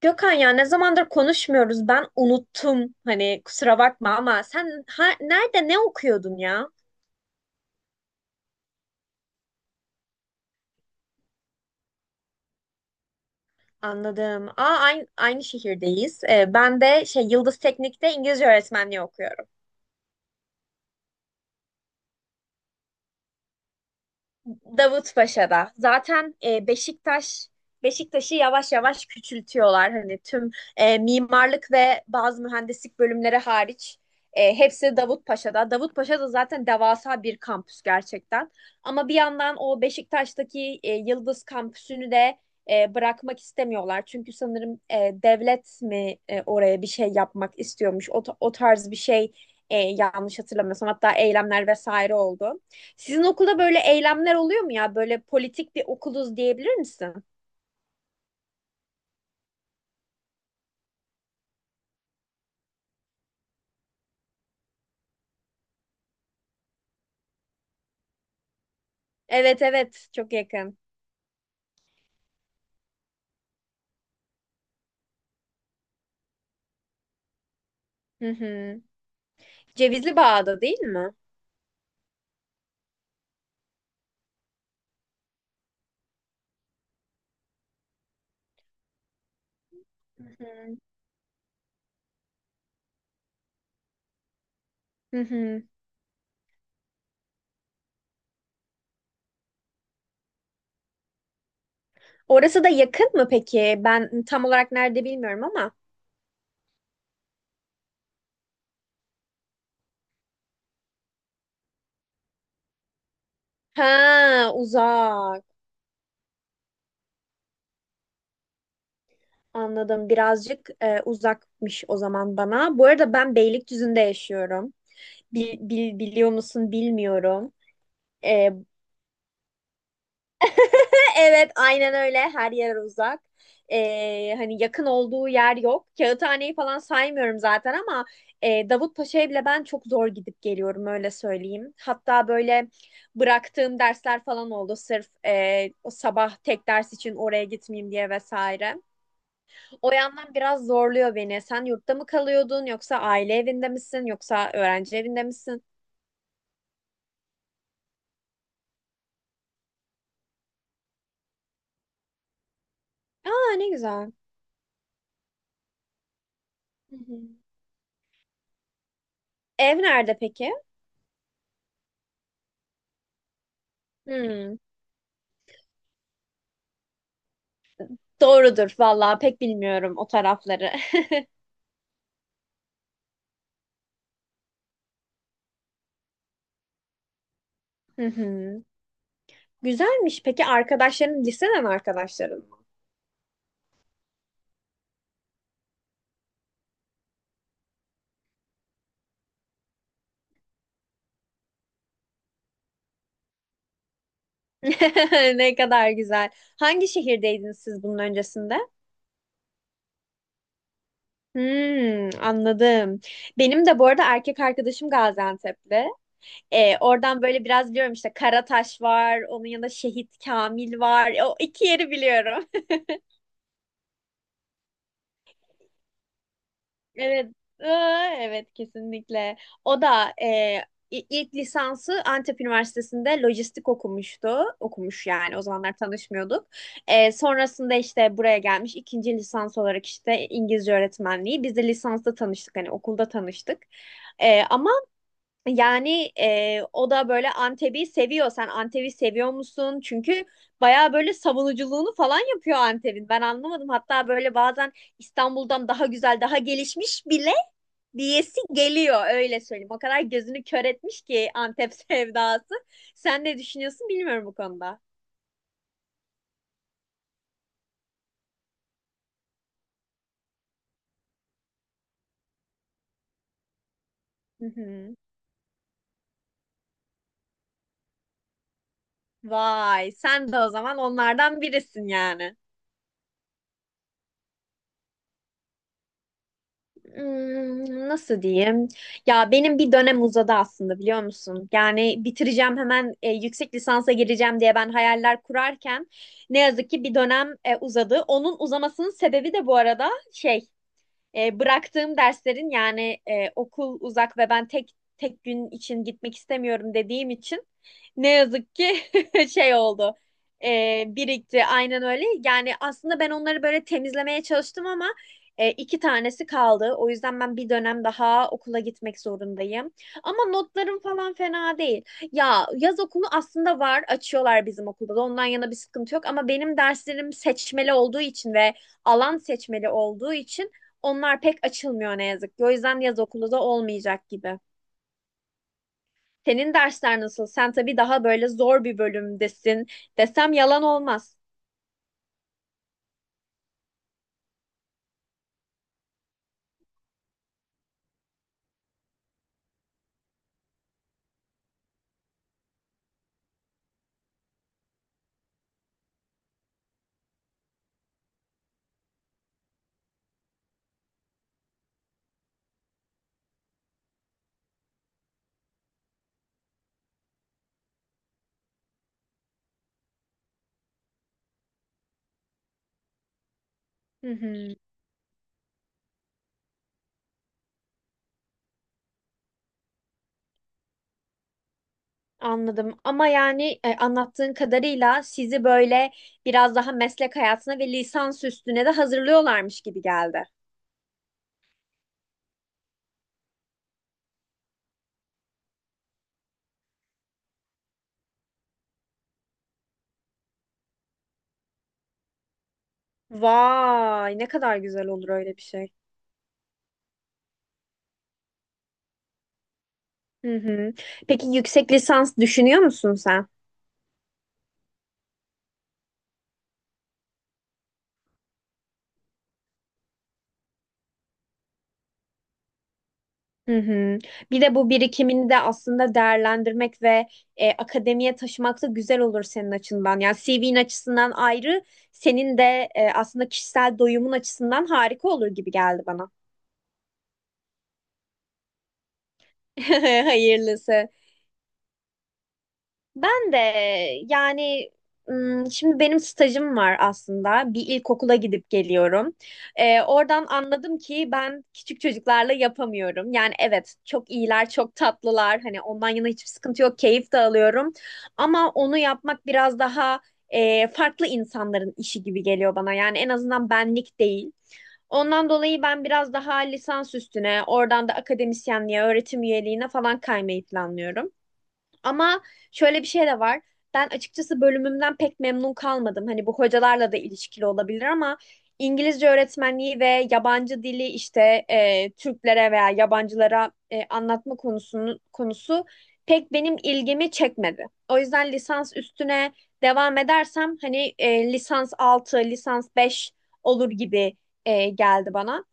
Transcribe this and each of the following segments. Gökhan ya ne zamandır konuşmuyoruz. Ben unuttum. Hani kusura bakma ama sen nerede ne okuyordun ya? Anladım. Aa, aynı şehirdeyiz. Ben de Yıldız Teknik'te İngilizce öğretmenliği okuyorum. Davutpaşa'da. Zaten Beşiktaş'ı yavaş yavaş küçültüyorlar. Hani tüm mimarlık ve bazı mühendislik bölümleri hariç hepsi Davutpaşa'da. Davutpaşa da zaten devasa bir kampüs gerçekten. Ama bir yandan o Beşiktaş'taki Yıldız kampüsünü de bırakmak istemiyorlar. Çünkü sanırım devlet mi oraya bir şey yapmak istiyormuş. O tarz bir şey yanlış hatırlamıyorsam. Hatta eylemler vesaire oldu. Sizin okulda böyle eylemler oluyor mu ya? Böyle politik bir okuluz diyebilir misin? Evet, evet, çok yakın. Hı hı. Cevizli Bağ'da değil mi? Hı hı. Hı hı. Orası da yakın mı peki? Ben tam olarak nerede bilmiyorum ama. Ha, uzak. Anladım. Birazcık uzakmış o zaman bana. Bu arada ben Beylikdüzü'nde yaşıyorum. Biliyor musun bilmiyorum. E, Evet, aynen öyle. Her yer uzak. Hani yakın olduğu yer yok. Kağıthaneyi falan saymıyorum zaten ama Davutpaşa'ya bile ben çok zor gidip geliyorum öyle söyleyeyim. Hatta böyle bıraktığım dersler falan oldu sırf o sabah tek ders için oraya gitmeyeyim diye vesaire. O yandan biraz zorluyor beni. Sen yurtta mı kalıyordun yoksa aile evinde misin yoksa öğrenci evinde misin? Aa, ne güzel. Hı hı. Ev nerede peki? Hmm. Doğrudur vallahi, pek bilmiyorum o tarafları. Hı hı. Güzelmiş. Peki arkadaşların liseden arkadaşların mı? Ne kadar güzel. Hangi şehirdeydiniz siz bunun öncesinde? Hmm, anladım. Benim de bu arada erkek arkadaşım Gaziantep'li. Oradan böyle biraz biliyorum işte Karataş var, onun yanında Şehit Kamil var. O iki yeri biliyorum. Evet, evet kesinlikle. O da ilk lisansı Antep Üniversitesi'nde lojistik okumuştu. Okumuş yani, o zamanlar tanışmıyorduk. Sonrasında işte buraya gelmiş ikinci lisans olarak işte İngilizce öğretmenliği. Biz de lisansta tanıştık, hani okulda tanıştık. E, ama yani o da böyle Antep'i seviyor. Sen Antep'i seviyor musun? Çünkü bayağı böyle savunuculuğunu falan yapıyor Antep'in. Ben anlamadım. Hatta böyle bazen İstanbul'dan daha güzel, daha gelişmiş bile diyesi geliyor öyle söyleyeyim. O kadar gözünü kör etmiş ki Antep sevdası. Sen ne düşünüyorsun bilmiyorum bu konuda. Hı hı. Vay, sen de o zaman onlardan birisin yani. Hmm, nasıl diyeyim? Ya benim bir dönem uzadı aslında, biliyor musun? Yani bitireceğim hemen, yüksek lisansa gireceğim diye ben hayaller kurarken ne yazık ki bir dönem uzadı. Onun uzamasının sebebi de bu arada bıraktığım derslerin yani, okul uzak ve ben tek tek gün için gitmek istemiyorum dediğim için ne yazık ki şey oldu. Birikti, aynen öyle. Yani aslında ben onları böyle temizlemeye çalıştım ama iki tanesi kaldı. O yüzden ben bir dönem daha okula gitmek zorundayım. Ama notlarım falan fena değil. Ya yaz okulu aslında var. Açıyorlar bizim okulda da. Ondan yana bir sıkıntı yok. Ama benim derslerim seçmeli olduğu için ve alan seçmeli olduğu için onlar pek açılmıyor ne yazık ki. O yüzden yaz okulu da olmayacak gibi. Senin dersler nasıl? Sen tabii daha böyle zor bir bölümdesin desem yalan olmaz. Hı hı, anladım. Ama yani anlattığın kadarıyla sizi böyle biraz daha meslek hayatına ve lisans üstüne de hazırlıyorlarmış gibi geldi. Vay, ne kadar güzel olur öyle bir şey. Hı hı. Peki yüksek lisans düşünüyor musun sen? Hı hı. Bir de bu birikimini de aslında değerlendirmek ve akademiye taşımak da güzel olur senin açından. Yani CV'nin açısından ayrı, senin de aslında kişisel doyumun açısından harika olur gibi geldi bana. Hayırlısı. Ben de yani şimdi benim stajım var aslında. Bir ilkokula gidip geliyorum. Oradan anladım ki ben küçük çocuklarla yapamıyorum. Yani evet, çok iyiler, çok tatlılar. Hani ondan yana hiçbir sıkıntı yok. Keyif de alıyorum. Ama onu yapmak biraz daha farklı insanların işi gibi geliyor bana. Yani en azından benlik değil. Ondan dolayı ben biraz daha lisans üstüne, oradan da akademisyenliğe, öğretim üyeliğine falan kaymayı planlıyorum. Ama şöyle bir şey de var. Ben açıkçası bölümümden pek memnun kalmadım. Hani bu hocalarla da ilişkili olabilir ama İngilizce öğretmenliği ve yabancı dili işte Türklere veya yabancılara anlatma konusunun konusu pek benim ilgimi çekmedi. O yüzden lisans üstüne devam edersem hani lisans 6 lisans 5 olur gibi geldi bana.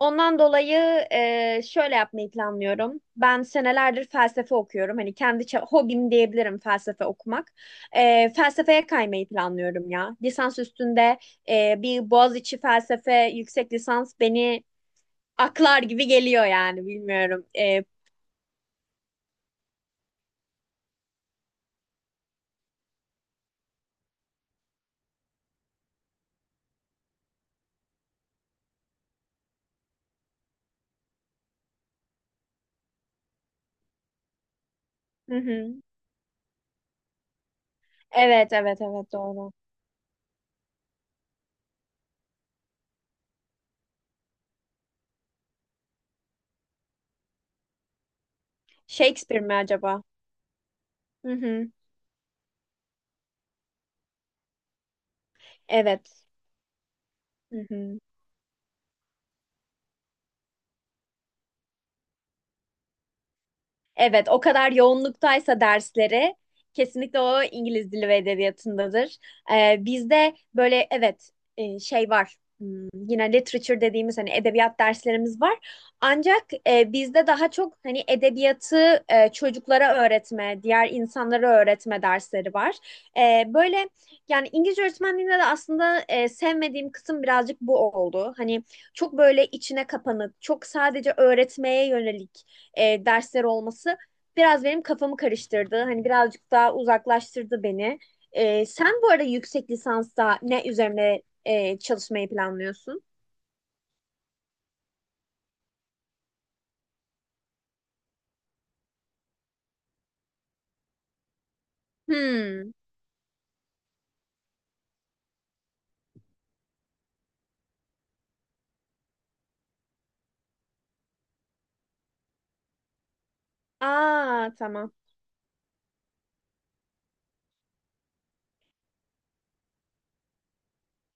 Ondan dolayı şöyle yapmayı planlıyorum. Ben senelerdir felsefe okuyorum. Hani kendi hobim diyebilirim felsefe okumak. Felsefeye kaymayı planlıyorum ya. Lisans üstünde bir Boğaziçi felsefe yüksek lisans beni aklar gibi geliyor yani bilmiyorum. E, hı hı. Evet, evet, evet, doğru. Shakespeare mi acaba? Hı hı. Evet. Hı hı. Evet, o kadar yoğunluktaysa dersleri kesinlikle o İngiliz Dili ve Edebiyatı'ndadır. Bizde böyle evet var. Hmm, yine literature dediğimiz hani edebiyat derslerimiz var. Ancak bizde daha çok hani edebiyatı çocuklara öğretme, diğer insanlara öğretme dersleri var. Böyle yani İngilizce öğretmenliğinde de aslında sevmediğim kısım birazcık bu oldu. Hani çok böyle içine kapanık, çok sadece öğretmeye yönelik dersler olması biraz benim kafamı karıştırdı. Hani birazcık daha uzaklaştırdı beni. Sen bu arada yüksek lisansta ne üzerine çalışmayı planlıyorsun? Hmm. Aa, tamam.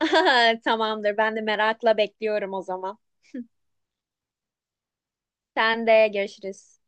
Tamamdır. Ben de merakla bekliyorum o zaman. Sen de görüşürüz.